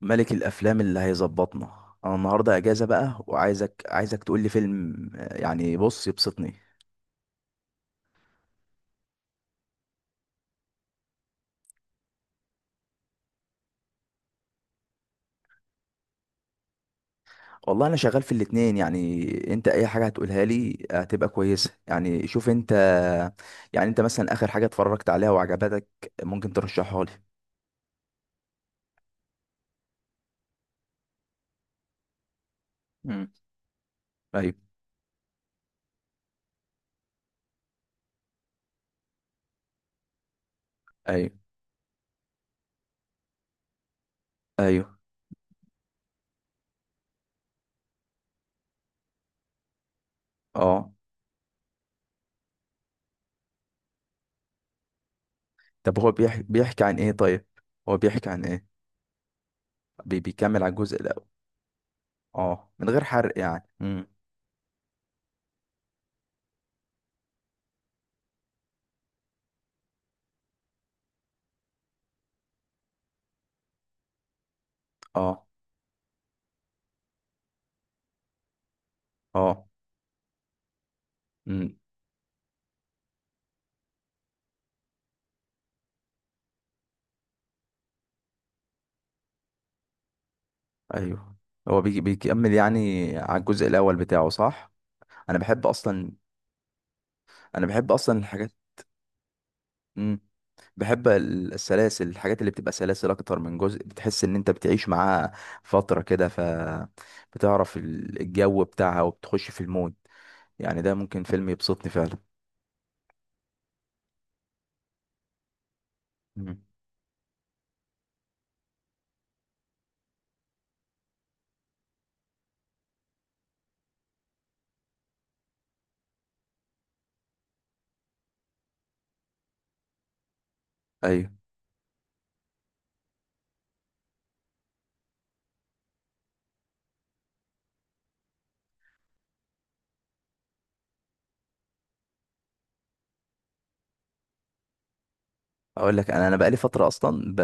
ملك الافلام اللي هيظبطنا، انا النهارده اجازه بقى، وعايزك تقول لي فيلم، يعني بص يبسطني. والله انا شغال في الاتنين يعني. انت اي حاجه هتقولها لي هتبقى كويسه، يعني شوف انت. يعني انت مثلا اخر حاجه اتفرجت عليها وعجبتك، ممكن ترشحها لي؟ امم. ايوه، ايوه، ايوه. اه. طب هو بيحكي عن ايه طيب؟ هو بيحكي عن ايه؟ بيكمل على الجزء الاول؟ اه، من غير حرق يعني. امم. اه، اه، ايوه. هو بيجي بيكمل يعني، على الجزء الاول بتاعه، صح؟ انا بحب اصلا. انا بحب اصلا الحاجات. امم. بحب السلاسل، الحاجات اللي بتبقى سلاسل اكتر من جزء، بتحس ان انت بتعيش معاها فترة كده ف بتعرف الجو بتاعها وبتخش في المود. يعني ده ممكن فيلم يبسطني فعلا. مم. ايوه. اقول لك، انا بقالي فترة اصلا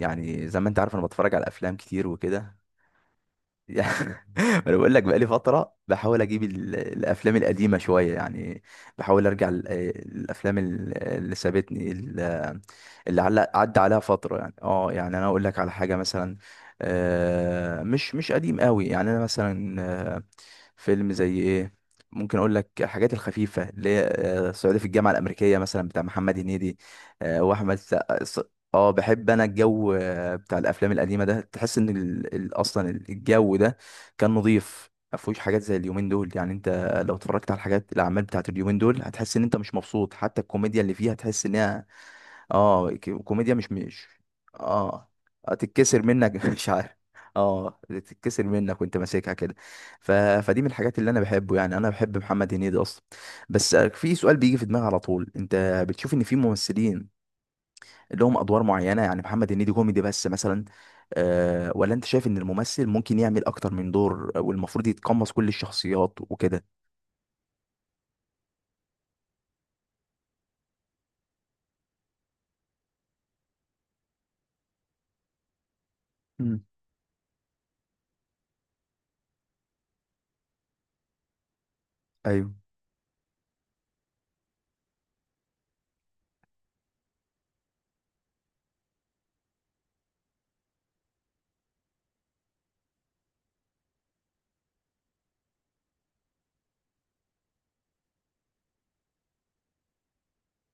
يعني زي ما انت عارف انا بتفرج على افلام كتير وكده. يعني ما انا بقول لك بقالي فتره بحاول اجيب الافلام القديمه شويه يعني. بحاول ارجع الافلام اللي سابتني اللي علق عدى عليها فتره، يعني اه يعني انا اقول لك على حاجه مثلا. مش قديم قوي، يعني انا مثلا فيلم زي ايه؟ ممكن اقول لك الحاجات الخفيفه اللي هي صعيدي في الجامعه الامريكيه مثلا بتاع محمد هنيدي، واحمد السقا. اه بحب انا الجو بتاع الافلام القديمه ده، تحس ان اصلا الجو ده كان نظيف، ما فيهوش حاجات زي اليومين دول، يعني انت لو اتفرجت على الحاجات، الاعمال بتاعت اليومين دول، هتحس ان انت مش مبسوط، حتى الكوميديا اللي فيها تحس انها اه، كوميديا مش. اه تتكسر منك مش عارف. اه تتكسر منك وانت ماسكها كده. فدي من الحاجات اللي انا بحبه، يعني انا بحب محمد هنيدي اصلا. بس في سؤال بيجي في دماغي على طول، انت بتشوف ان في ممثلين لهم ادوار معينه، يعني محمد هنيدي كوميدي بس مثلا، ولا انت شايف ان الممثل ممكن يعمل اكتر من دور والمفروض يتقمص كل الشخصيات وكده؟ مم. ايوه.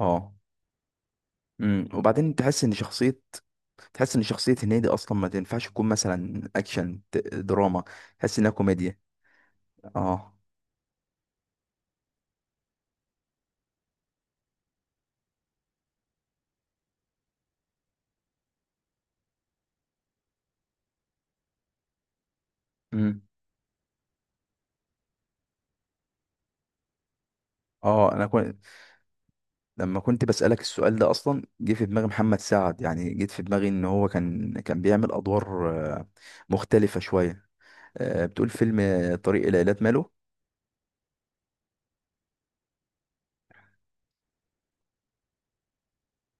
اه. امم، وبعدين تحس ان شخصيه، تحس ان شخصيه هنيدي اصلا ما تنفعش تكون مثلا اكشن، دراما، تحس انها كوميديا. اه. امم. اه. انا كنت، لما كنت بسألك السؤال ده اصلا جه في دماغي محمد سعد، يعني جيت في دماغي ان هو كان بيعمل ادوار آه، مختلفة شوية. بتقول فيلم طريق إلى إيلات ماله؟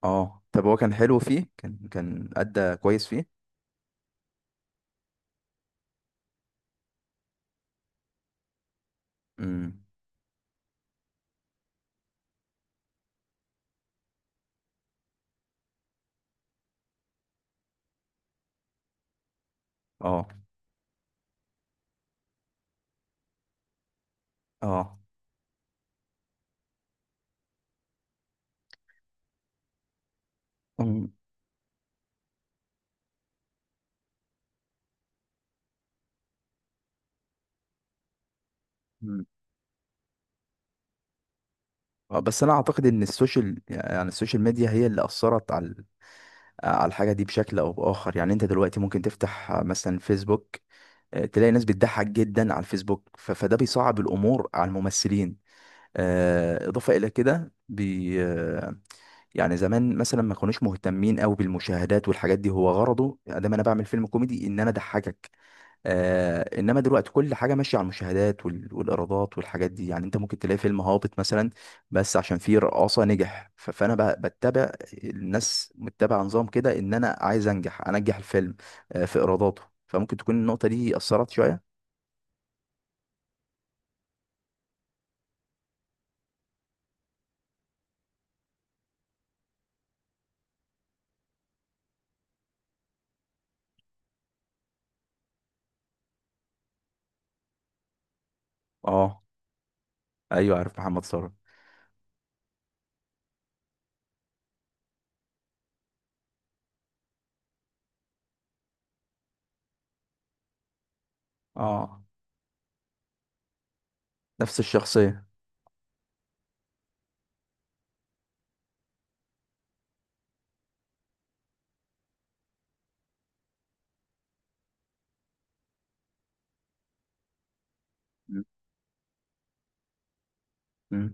اه طب هو كان حلو فيه، كان أدى كويس فيه؟ امم. اه. اه. أمم. اه، بس انا اعتقد ان السوشيال، يعني السوشيال ميديا، هي اللي اثرت على الحاجه دي بشكل او باخر، يعني انت دلوقتي ممكن تفتح، مثلا، فيسبوك، تلاقي ناس بتضحك جدا على الفيسبوك، فده بيصعب الامور على الممثلين. اضافه الى كده بي آه، يعني زمان مثلا ما كانوش مهتمين قوي بالمشاهدات والحاجات دي، هو غرضه ادام انا بعمل فيلم كوميدي ان انا اضحكك. انما دلوقتي كل حاجه ماشيه على المشاهدات والايرادات والحاجات دي، يعني انت ممكن تلاقي فيلم هابط مثلا بس عشان فيه رقاصه نجح، فانا بتبع، الناس متبعه نظام كده ان انا عايز انجح الفيلم في ايراداته، فممكن تكون النقطه دي اثرت شويه. اه. ايوه عارف محمد ثروت. اه، نفس الشخصيه. م- م.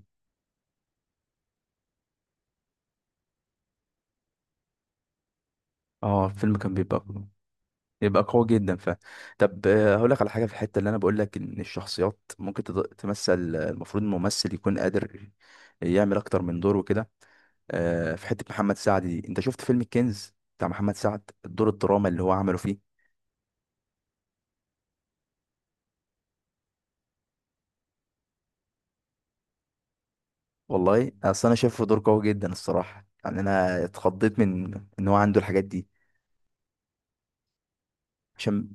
اه الفيلم كان بيبقى يبقى قوي جدا ف طب هقول لك على حاجه، في الحته اللي انا بقول لك ان الشخصيات ممكن تمثل، المفروض الممثل يكون قادر يعمل اكتر من دور وكده. في حته محمد سعد دي، انت شفت فيلم الكنز بتاع محمد سعد، الدور الدراما اللي هو عمله فيه؟ والله اصل انا شايفه دور قوي جدا الصراحه، يعني انا اتخضيت من ان هو عنده الحاجات دي عشان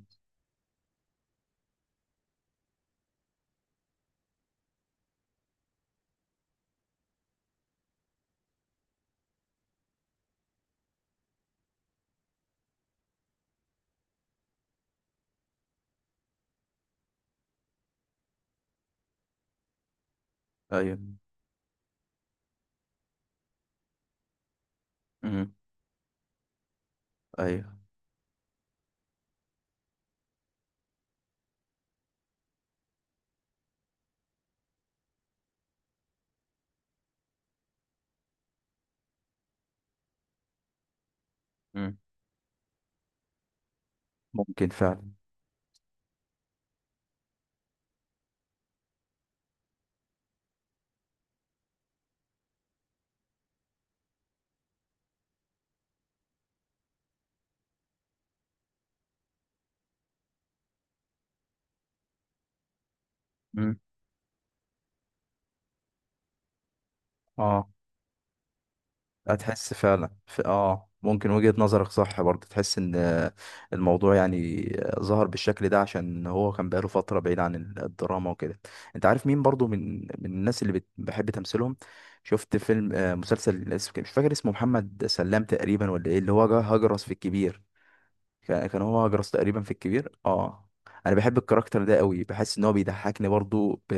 ايوه. امم. ايوه. مم. ممكن فعلا. امم. اه. هتحس فعلا اه ممكن وجهة نظرك صح برضه، تحس ان الموضوع، يعني ظهر بالشكل ده عشان هو كان بقاله فترة بعيد عن الدراما وكده. انت عارف مين برضه من الناس اللي بحب تمثيلهم؟ شفت فيلم، مسلسل اسمه، مش فاكر اسمه، محمد سلام تقريبا ولا ايه، اللي هو جه هجرس في الكبير؟ كان هو هجرس تقريبا في الكبير، اه. انا بحب الكاركتر ده قوي، بحس ان هو بيضحكني برضه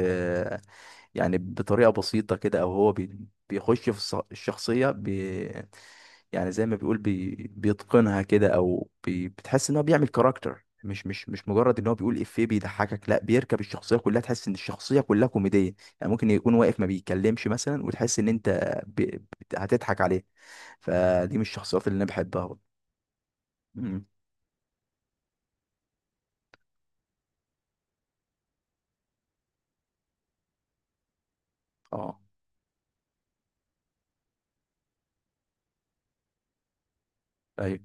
يعني بطريقة بسيطة كده، او هو بيخش في الشخصية يعني زي ما بيقول بيتقنها كده، او بتحس ان هو بيعمل كاركتر مش مجرد ان هو بيقول افيه بيضحكك، لا، بيركب الشخصيه كلها، تحس ان الشخصيه كلها كوميديه. يعني ممكن يكون واقف ما بيتكلمش مثلا، وتحس ان انت هتضحك عليه. فدي من الشخصيات اللي انا بحبها برضه. امم. اه. ايوه.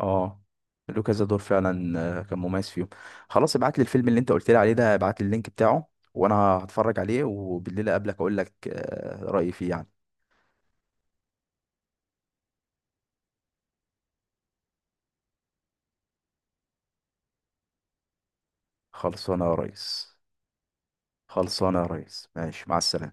اه. لوكا دور فعلا كان مميز فيهم. خلاص، ابعت لي الفيلم اللي انت قلت لي عليه ده، ابعت لي اللينك بتاعه، وانا هتفرج عليه وبالليل اقابلك اقول لك رايي فيه يعني. خلصانه يا ريس. خلصانه يا ريس، ماشي، مع السلامه.